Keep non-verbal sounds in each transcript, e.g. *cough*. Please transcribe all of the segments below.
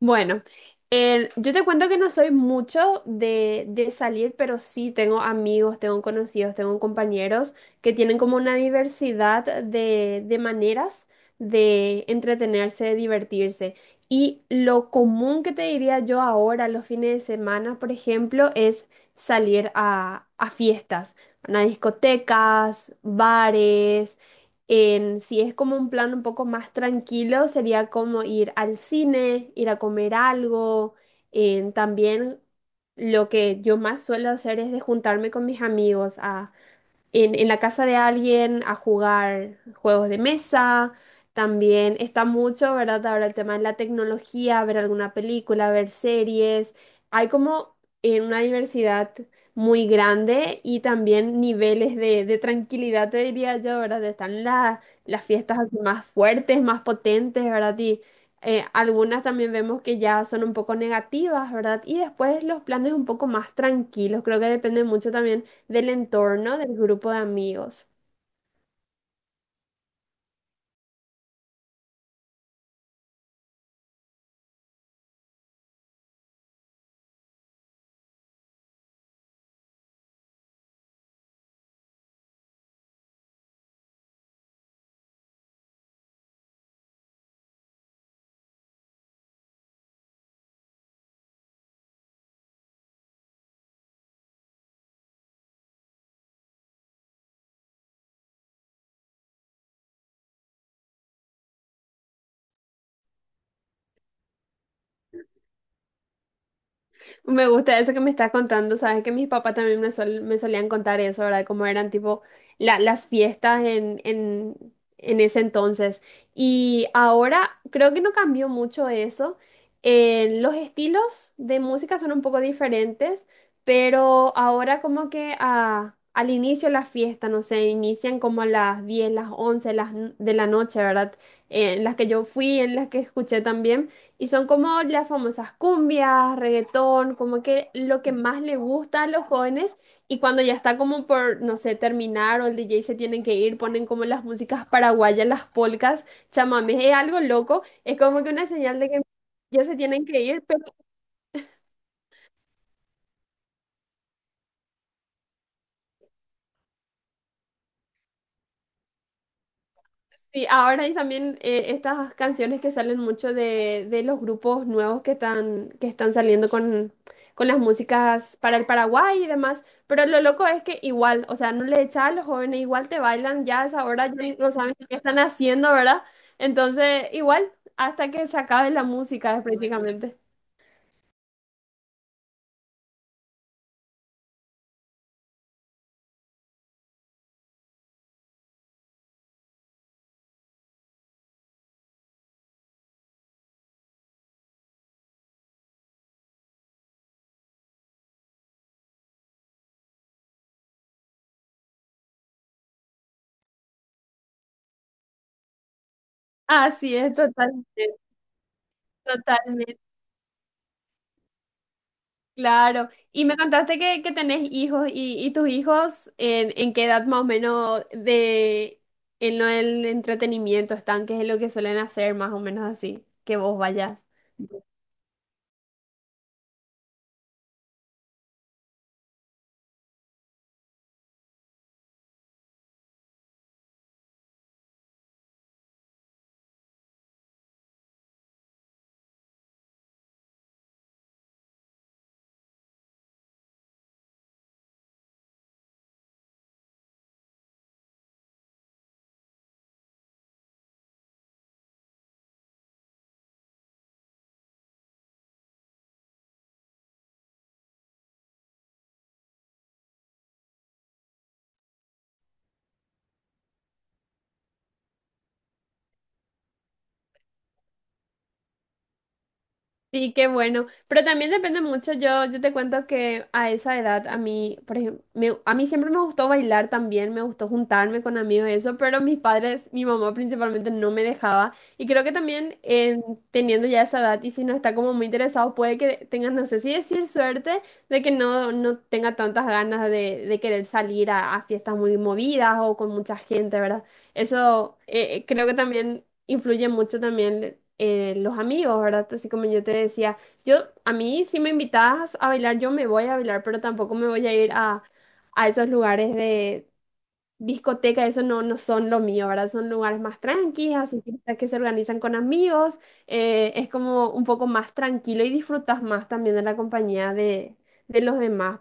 Bueno, yo te cuento que no soy mucho de salir, pero sí tengo amigos, tengo conocidos, tengo compañeros que tienen como una diversidad de maneras de entretenerse, de divertirse. Y lo común que te diría yo ahora, los fines de semana, por ejemplo, es salir a fiestas, a discotecas, bares. Si es como un plan un poco más tranquilo, sería como ir al cine, ir a comer algo. También lo que yo más suelo hacer es de juntarme con mis amigos a en la casa de alguien a jugar juegos de mesa. También está mucho, ¿verdad? Ahora el tema de la tecnología, ver alguna película, ver series. Hay como una diversidad muy grande y también niveles de tranquilidad, te diría yo, ¿verdad? Están las fiestas así más fuertes, más potentes, ¿verdad? Y algunas también vemos que ya son un poco negativas, ¿verdad? Y después los planes un poco más tranquilos. Creo que depende mucho también del entorno, del grupo de amigos. Me gusta eso que me estás contando, sabes que mis papás también me solían contar eso, ¿verdad? Cómo eran tipo las fiestas en ese entonces. Y ahora creo que no cambió mucho eso. Los estilos de música son un poco diferentes, pero ahora como que al inicio de la fiesta, no sé, inician como a las 10, las 11, de la noche, ¿verdad? En las que yo fui, en las que escuché también. Y son como las famosas cumbias, reggaetón, como que lo que más le gusta a los jóvenes. Y cuando ya está como por, no sé, terminar o el DJ se tienen que ir, ponen como las músicas paraguayas, las polcas, chamamé, es algo loco. Es como que una señal de que ya se tienen que ir. Sí, ahora y también estas canciones que salen mucho de los grupos nuevos que están saliendo con las músicas para el Paraguay y demás, pero lo loco es que igual, o sea, no le echa a los jóvenes, igual te bailan ya a esa hora, ya no saben qué están haciendo, ¿verdad? Entonces, igual, hasta que se acabe la música prácticamente. Así es, totalmente, totalmente. Claro, y me contaste que tenés hijos y tus hijos en qué edad más o menos de en lo del entretenimiento están, qué es lo que suelen hacer más o menos así, que vos vayas. Sí, qué bueno. Pero también depende mucho. Yo te cuento que a esa edad, a mí, por ejemplo, a mí siempre me gustó bailar también, me gustó juntarme con amigos y eso, pero mis padres, mi mamá principalmente no me dejaba. Y creo que también teniendo ya esa edad y si no está como muy interesado, puede que tengas, no sé si decir suerte, de que no, no tenga tantas ganas de querer salir a fiestas muy movidas o con mucha gente, ¿verdad? Eso creo que también influye mucho también los amigos, ¿verdad? Así como yo te decía, yo a mí si me invitas a bailar, yo me voy a bailar, pero tampoco me voy a ir a esos lugares de discoteca, eso no, no son lo mío, ¿verdad? Son lugares más tranquilos, así fiestas que se organizan con amigos, es como un poco más tranquilo y disfrutas más también de la compañía de los demás.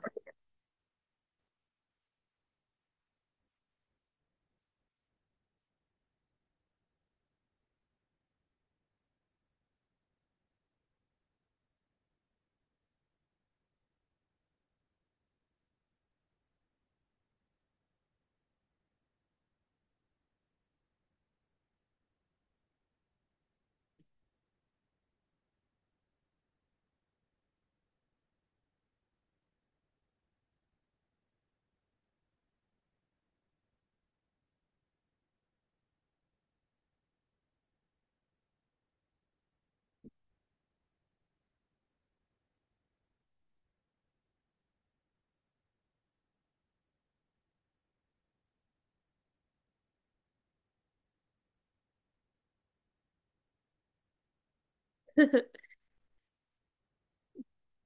*laughs*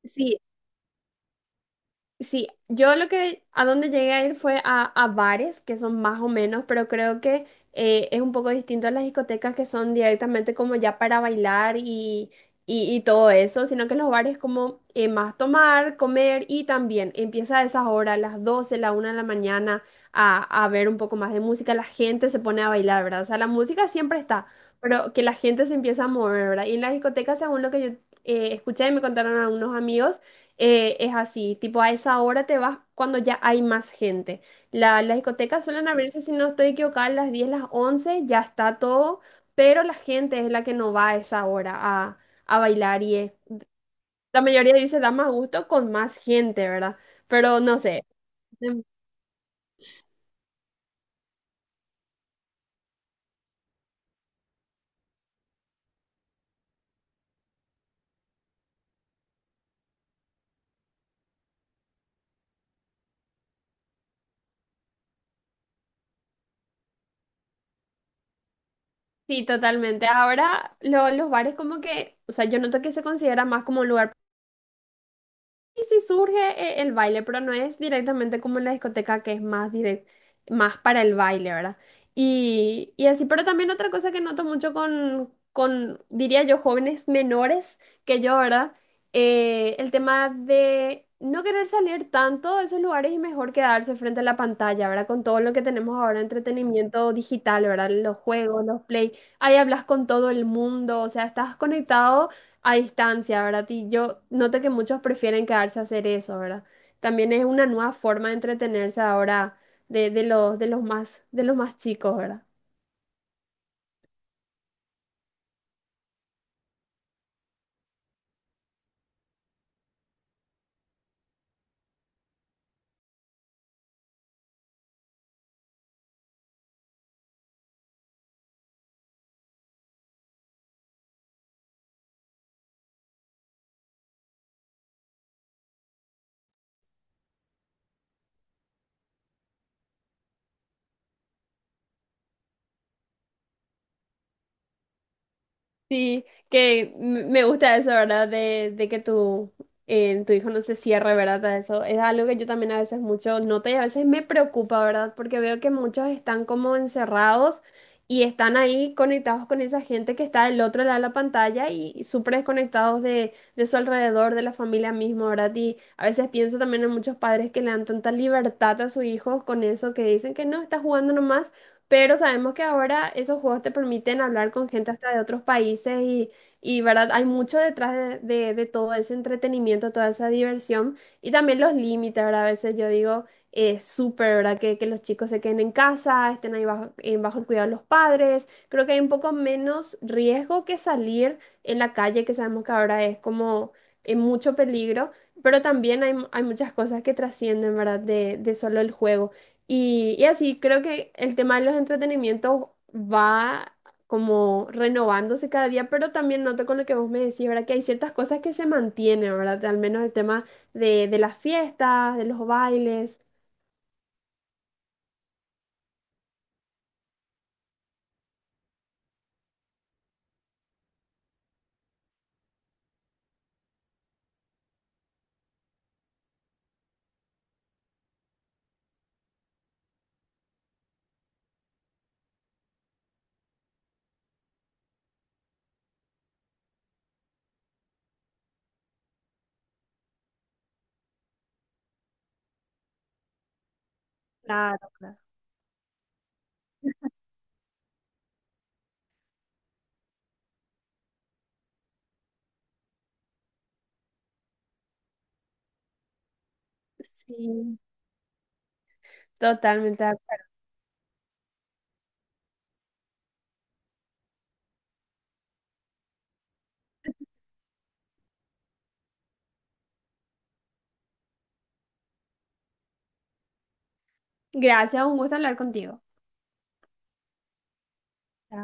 Sí, sí, yo lo que a donde llegué a ir fue a bares, que son más o menos, pero creo que es un poco distinto a las discotecas que son directamente como ya para bailar y todo eso, sino que los bares como más tomar, comer y también empieza a esas horas, las 12, la una de la mañana, a ver un poco más de música, la gente se pone a bailar, ¿verdad? O sea, la música siempre está, pero que la gente se empieza a mover, ¿verdad? Y en las discotecas, según lo que yo escuché y me contaron algunos amigos, es así, tipo a esa hora te vas cuando ya hay más gente. Las discotecas suelen abrirse, si no estoy equivocada, a las 10 las 11 ya está todo, pero la gente es la que no va a esa hora a bailar y la mayoría dice da más gusto con más gente, ¿verdad? Pero no sé. em, Sí, totalmente. Ahora los bares como que, o sea, yo noto que se considera más como un lugar. Y sí surge el baile, pero no es directamente como en la discoteca que es más direct, más para el baile, ¿verdad? Y así, pero también otra cosa que noto mucho diría yo, jóvenes menores que yo, ¿verdad? El tema de no querer salir tanto de esos lugares y mejor quedarse frente a la pantalla, ¿verdad? Con todo lo que tenemos ahora, entretenimiento digital, ¿verdad? Los juegos, los play, ahí hablas con todo el mundo, o sea, estás conectado a distancia, ¿verdad? Y yo noto que muchos prefieren quedarse a hacer eso, ¿verdad? También es una nueva forma de entretenerse ahora de, de los más chicos, ¿verdad? Sí, que me gusta eso, ¿verdad? De que tu, tu hijo no se cierre, ¿verdad? A eso es algo que yo también a veces mucho noto y a veces me preocupa, ¿verdad? Porque veo que muchos están como encerrados y están ahí conectados con esa gente que está del otro lado de la pantalla y súper desconectados de su alrededor, de la familia misma, ¿verdad? Y a veces pienso también en muchos padres que le dan tanta libertad a sus hijos con eso, que dicen que no, está jugando nomás, pero sabemos que ahora esos juegos te permiten hablar con gente hasta de otros países y ¿verdad? Hay mucho detrás de, de todo ese entretenimiento, toda esa diversión y también los límites, ¿verdad? A veces yo digo, es súper, ¿verdad? Que los chicos se queden en casa, estén ahí bajo, en bajo el cuidado de los padres. Creo que hay un poco menos riesgo que salir en la calle, que sabemos que ahora es como en mucho peligro, pero también hay muchas cosas que trascienden, ¿verdad? De solo el juego. Y así creo que el tema de los entretenimientos va como renovándose cada día, pero también noto con lo que vos me decís, ¿verdad? Que hay ciertas cosas que se mantienen, ¿verdad? Al menos el tema de las fiestas, de los bailes. Claro, claro. Sí, totalmente. De acuerdo. Gracias, un gusto hablar contigo.